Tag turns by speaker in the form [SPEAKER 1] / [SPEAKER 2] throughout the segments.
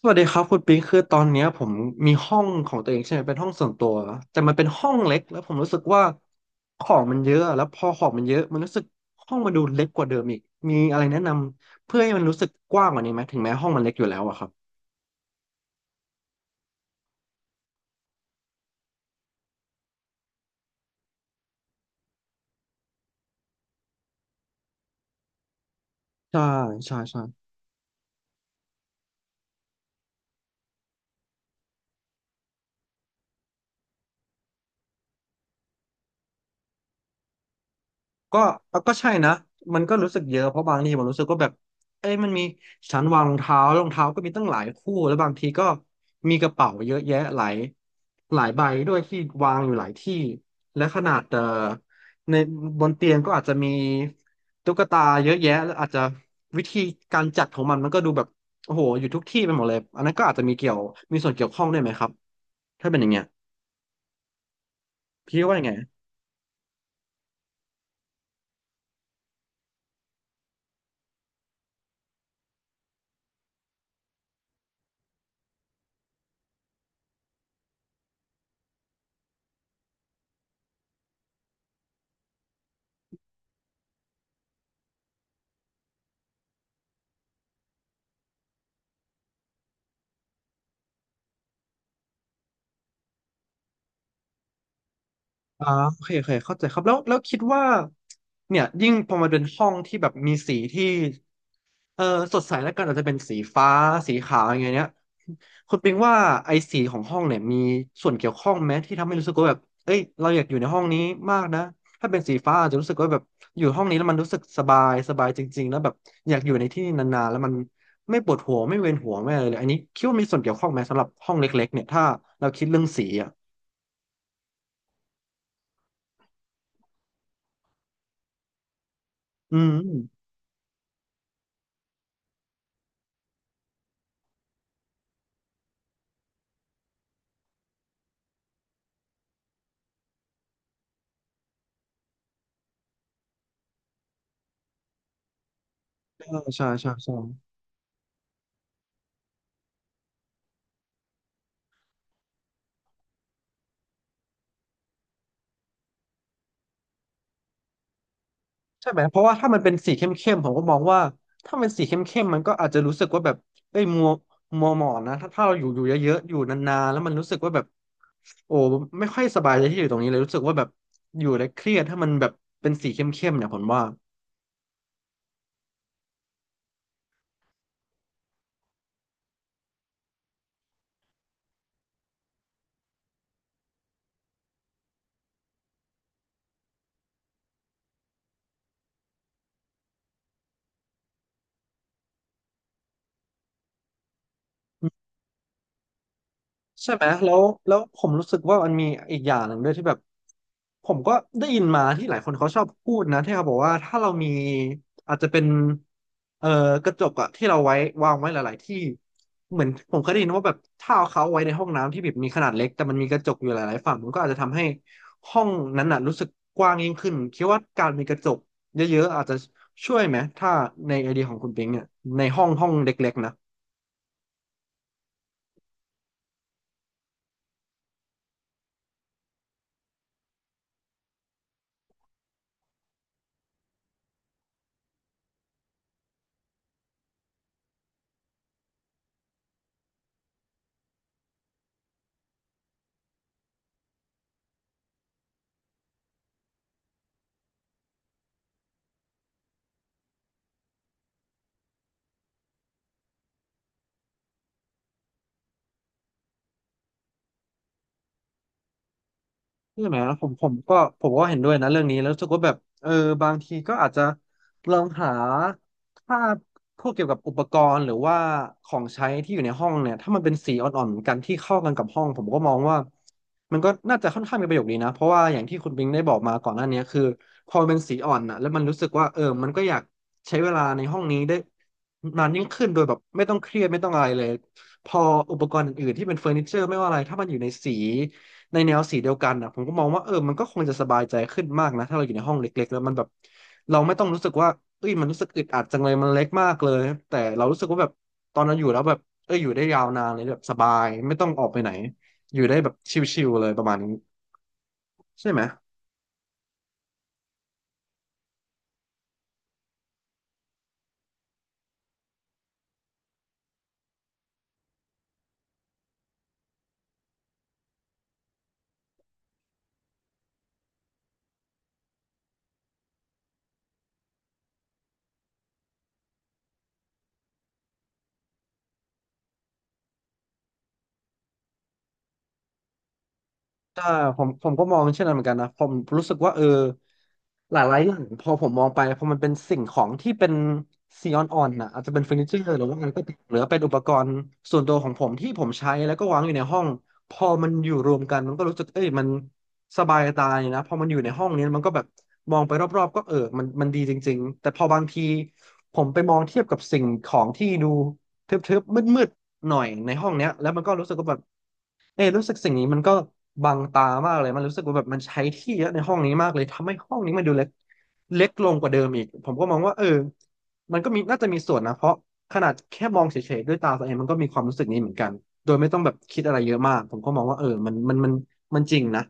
[SPEAKER 1] สวัสดีครับคุณปิงคือตอนเนี้ยผมมีห้องของตัวเองใช่ไหมเป็นห้องส่วนตัวแต่มันเป็นห้องเล็กแล้วผมรู้สึกว่าของมันเยอะแล้วพอของมันเยอะมันรู้สึกห้องมันดูเล็กกว่าเดิมอีกมีอะไรแนะนำเพื่อให้มันรู้สึกกว้างกว่านี้ไหมถึงแม้ห้องมันเล็กอยู่แล้วอะครับใช่ใช่ใช่ ก็ก็ใช่นะมันก็รู้สึกเยอะเพราะบางทีผมรู้สึกก็แบบเอ้ยมันมีชั้นวางรองเท้ารองเท้าก็มีตั้งหลายคู่แล้วบางทีก็มีกระเป๋าเยอะแยะหลายใบด้วยที่วางอยู่หลายที่และขนาดในบนเตียงก็อาจจะมีตุ๊กตาเยอะแยะแล้วอาจจะวิธีการจัดของมันก็ดูแบบโอ้โหอยู่ทุกที่ไปหมดเลยอันนั้นก็อาจจะมีเกี่ยวมีส่วนเกี่ยวข้องด้วยไหมครับถ้าเป็นอย่างเงี้ยพี่ว่ายังไง อ่าโอเคโอเคเข้าใจครับแล้วคิดว่าเนี่ยยิ่งพอมาเป็นห้องที่แบบมีสีที่เออสดใสแล้วกันอาจจะเป็นสีฟ้าสีขาวอย่างเงี้ยคุณปิงว่าไอ้สีของห้องเนี่ยมีส่วนเกี่ยวข้องไหมที่ทำให้รู้สึกว่าแบบเอ้ยเราอยากอยู่ในห้องนี้มากนะถ้าเป็นสีฟ้าอาจจะรู้สึกว่าแบบอยู่ห้องนี้แล้วมันรู้สึกสบายสบายจริงๆแล้วแบบอยากอยู่ในที่นานๆแล้วมันไม่ปวดหัวไม่เวียนหัวไม่อะไรเลยอันนี้คิดว่ามีส่วนเกี่ยวข้องไหมสำหรับห้องเล็กๆเนี่ยถ้าเราคิดเรื่องสีอ่ะอืมใช่ใช่ใช่ใช่ ใช่ไหมเพราะว่าถ้ามันเป็นสีเข้มๆผมก็มองว่าถ้ามันสีเข้มๆมันก็อาจจะรู้สึกว่าแบบเอ้ยมัวหมองนะถ้าเราอยู่เยอะๆอยู่นานๆแล้วมันรู้สึกว่าแบบโอ้ไม่ค่อยสบายใจที่อยู่ตรงนี้เลยรู้สึกว่าแบบอยู่แล้วเครียดถ้ามันแบบเป็นสีเข้มๆเนี่ยผมว่า ใช่ไหมแล้วผมรู้สึกว่ามันมีอีกอย่างหนึ่งด้วยที่แบบผมก็ได้ยินมาที่หลายคนเขาชอบพูดนะที่เขาบอกว่าถ้าเรามีอาจจะเป็นเอ่อกระจกอะที่เราไว้วางไว้หลายๆที่เหมือนผมเคยได้ยินว่าแบบถ้าเอาเขาไว้ในห้องน้ำที่แบบมีขนาดเล็กแต่มันมีกระจกอยู่หลายๆฝั่งมันก็อาจจะทำให้ห้องนั้นน่ะรู้สึกกว้างยิ่งขึ้นคิดว่าการมีกระจกเยอะๆอาจจะช่วยไหมถ้าในไอเดียของคุณปิงเนี่ยในห้องห้องเล็กๆนะ ใช่ไหมผมก็เห็นด้วยนะเรื่องนี้แล้วรู้สึกว่าแบบเออบางทีก็อาจจะลองหาภาพพวกเกี่ยวกับอุปกรณ์หรือว่าของใช้ที่อยู่ในห้องเนี่ยถ้ามันเป็นสีอ่อนๆเหมือนกันที่เข้ากันกับห้องผมก็มองว่ามันก็น่าจะค่อนข้างมีประโยชน์ดีนะเพราะว่าอย่างที่คุณบิงได้บอกมาก่อนหน้านี้คือพอมันเป็นสีอ่อนนะแล้วมันรู้สึกว่าเออมันก็อยากใช้เวลาในห้องนี้ได้นานยิ่งขึ้นโดยแบบไม่ต้องเครียดไม่ต้องอะไรเลยพออุปกรณ์อื่นๆที่เป็นเฟอร์นิเจอร์ไม่ว่าอะไรถ้ามันอยู่ในสี ในแนวสีเดียวกันอ่ะผมก็มองว่าเออมันก็คงจะสบายใจขึ้นมากนะถ้าเราอยู่ในห้องเล็กๆแล้วมันแบบเราไม่ต้องรู้สึกว่าเอ้ยมันรู้สึกอึดอัดจังเลยมันเล็กมากเลยแต่เรารู้สึกว่าแบบตอนเราอยู่แล้วแบบเอออยู่ได้ยาวนานเลยแบบสบายไม่ต้องออกไปไหนอยู่ได้แบบชิลๆเลยประมาณนี้ใช่ไหม ใช่ผมก็มองเช่นนั้นเหมือนกันนะผมรู้สึกว่าเออหลายๆอย่างพอผมมองไปพอมันเป็นสิ่งของที่เป็นซีออนออนนะอาจจะเป็นเฟอร์นิเจอร์หรือว่าอะไรก็ตามหรือว่าเป็นอุปกรณ์ส่วนตัวของผมที่ผมใช้แล้วก็วางอยู่ในห้องพอมันอยู่รวมกันมันก็รู้สึกเอ้ยมันสบายตาเนี่ยนะพอมันอยู่ในห้องเนี้มันก็แบบมองไปรอบๆก็เออมันดีจริงๆแต่พอบางทีผมไปมองเทียบกับสิ่งของที่ดูทึบๆมืดๆหน่อยในห้องเนี้ยแล้วมันก็รู้สึกว่าแบบ เอยรู้สึกสิ่งนี้มันก็บังตามากเลยมันรู้สึกว่าแบบมันใช้ที่เยอะในห้องนี้มากเลยทำให้ห้องนี้มันดูเล็กลงกว่าเดิมอีกผมก็มองว่าเออมันก็มีน่าจะมีส่วนนะเพราะขนาดแค่มองเฉยๆด้วยตาตัวเองมันก็มีความรู้สึกนี้เหมือนกันโดยไม่ต้องแบบคิดอะไรเยอะมากผมก็มองว่าเออมันมันจริงนะ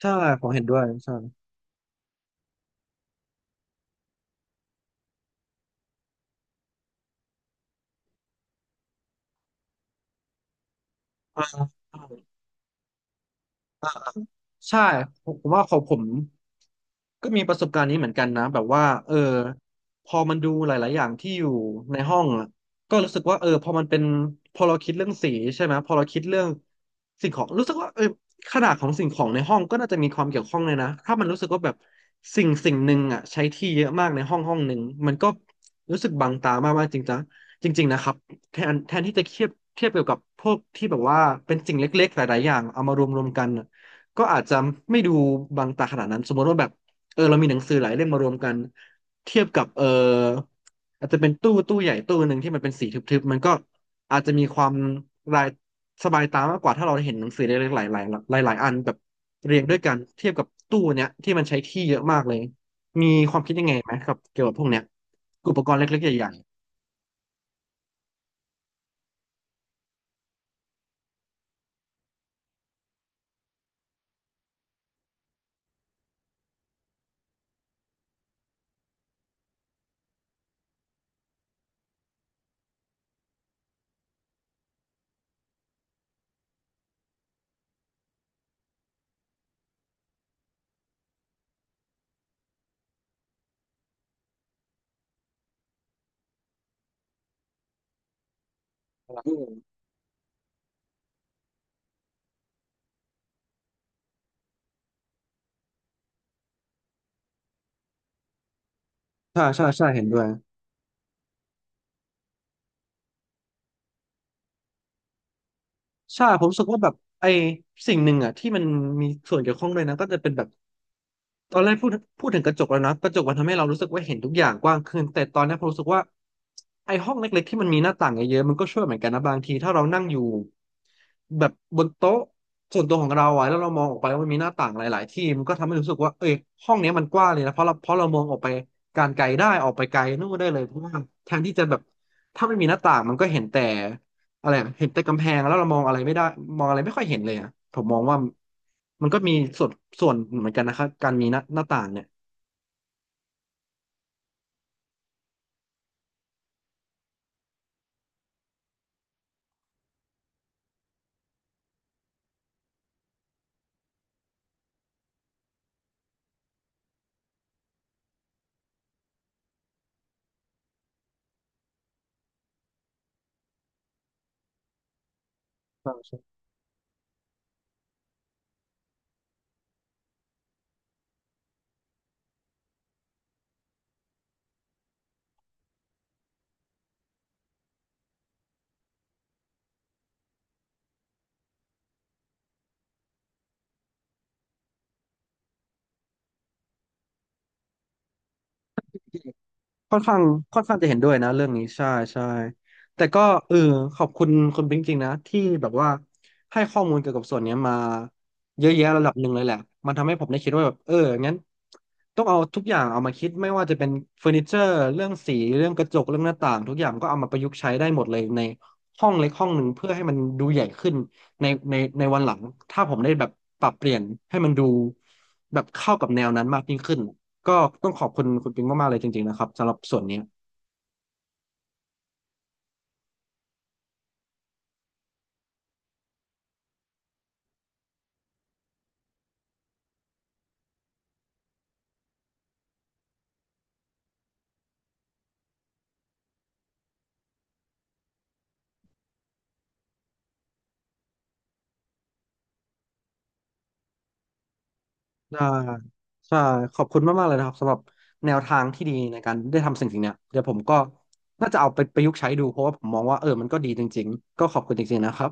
[SPEAKER 1] ใช่ผมเห็นด้วยใช่อ่า ใช่ผมว่าของผมก็มีประสบการณ์นี้เหมือนกันนะแบบว่าเออพอมันดูหลายๆอย่างที่อยู่ในห้องอะก็รู้สึกว่าเออพอมันเป็นพอเราคิดเรื่องสีใช่ไหมพอเราคิดเรื่องสิ่งของรู้สึกว่าเออขนาดของสิ่งของในห้องก็น่าจะมีความเกี่ยวข้องเลยนะถ้ามันรู้สึกว่าแบบสิ่งหนึ่งอ่ะใช้ที่เยอะมากในห้องห้องหนึ่งมันก็รู้สึกบังตามากๆจริงจังจริงๆนะครับแทนที่จะเทียบเกี่ยวกับพวกที่แบบว่าเป็นสิ่งเล็กๆหลายๆอย่างเอามารวมๆกัน ก็อาจจะไม่ดูบางตาขนาดนั้นสมมติว่าแบบเออเรามีหนังสือหลายเล่มมารวมกันเทียบกับเอออาจจะเป็นตู้ใหญ่ตู้หนึ่งที่มันเป็นสีทึบๆมันก็อาจจะมีความรายสบายตามากกว่าถ้าเราเห็นหนังสือเล็กๆหลายๆหลายอันแบบเรียงด้วยกันเทียบกับตู้เนี้ยที่มันใช้ที่เยอะมากเลยมีความคิดยังไงไหมครับเกี่ยวกับพวกเนี้ยอุปกรณ์เล็กๆใหญ่ๆอืมใช่ใช่ใช่เห็นด้วยใช่ผมรู้สึกว่าแบบไอ้สิ่งหนึ่งอ่ะที่มันมีส่วนเกี่ยวข้องด้วยนะก็จะเป็นแบบ ตอนแรกพูดถึงกระจกแล้วนะกระจกมันทำให้เรารู้สึกว่าเห็นทุกอย่างกว้างขึ้นแต่ตอนนี้ผมรู้สึกว่าไอ้ห้องเล็กๆที่มันมีหน้าต่างเยอะๆมันก็ช่วยเหมือนกันนะบางทีถ้าเรานั่งอยู่แบบบนโต๊ะส่วนตัวของเราอะแล้วเรามองออกไปว่ามันมีหน้าต่างหลายๆที่มันก็ทำให้รู้สึกว่าเอ้ยห้องเนี้ยมันกว้างเลยนะเพราะเรามองออกไปการไกลได้ออกไปไกลนู่นได้เลยเพราะว่าแทนที่จะแบบถ้าไม่มีหน้าต่างมันก็เห็นแต่ อะไรอะเห็นแต่กำแพงแล้วเรามองอะไรไม่ได้มองอะไรไม่ค่อยเห็นเลยอ่ะผมมองว่ามันก็มีส่วนส่วนเหมือนกันนะครับการมีหน้าต่างเนี่ยใช่ใช่ค่อนข้างค่อนข้างจะเห็นด้วยนะเรื่องนี้ใช่ใช่แต่ก็เออขอบคุณคุณปิ๊งจริงๆนะที่แบบว่าให้ข้อมูลเกี่ยวกับส่วนเนี้ยมาเยอะแยะระดับหนึ่งเลยแหละมันทำให้ผมได้คิดว่าแบบเอองั้นต้องเอาทุกอย่างเอามาคิดไม่ว่าจะเป็นเฟอร์นิเจอร์เรื่องสีเรื่องกระจกเรื่องหน้าต่างทุกอย่างก็เอามาประยุกต์ใช้ได้หมดเลยในห้องเล็กห้องหนึ่งเพื่อให้มันดูใหญ่ขึ้น ในวันหลังถ้าผมได้แบบปรับเปลี่ยนให้มันดูแบบเข้ากับแนวนั้นมากยิ่งขึ้นก็ต้องขอบคุณคุณปิงมากๆเลยจริงๆนะครับสำหรับส่วนนี้ได้ใช่ขอบคุณมากๆเลยนะครับสำหรับแนวทางที่ดีในการได้ทำสิ่งเนี้ยเดี๋ยวผมก็น่าจะเอาไปประยุกต์ใช้ดูเพราะว่าผมมองว่าเออมันก็ดีจริงๆก็ขอบคุณจริงๆนะครับ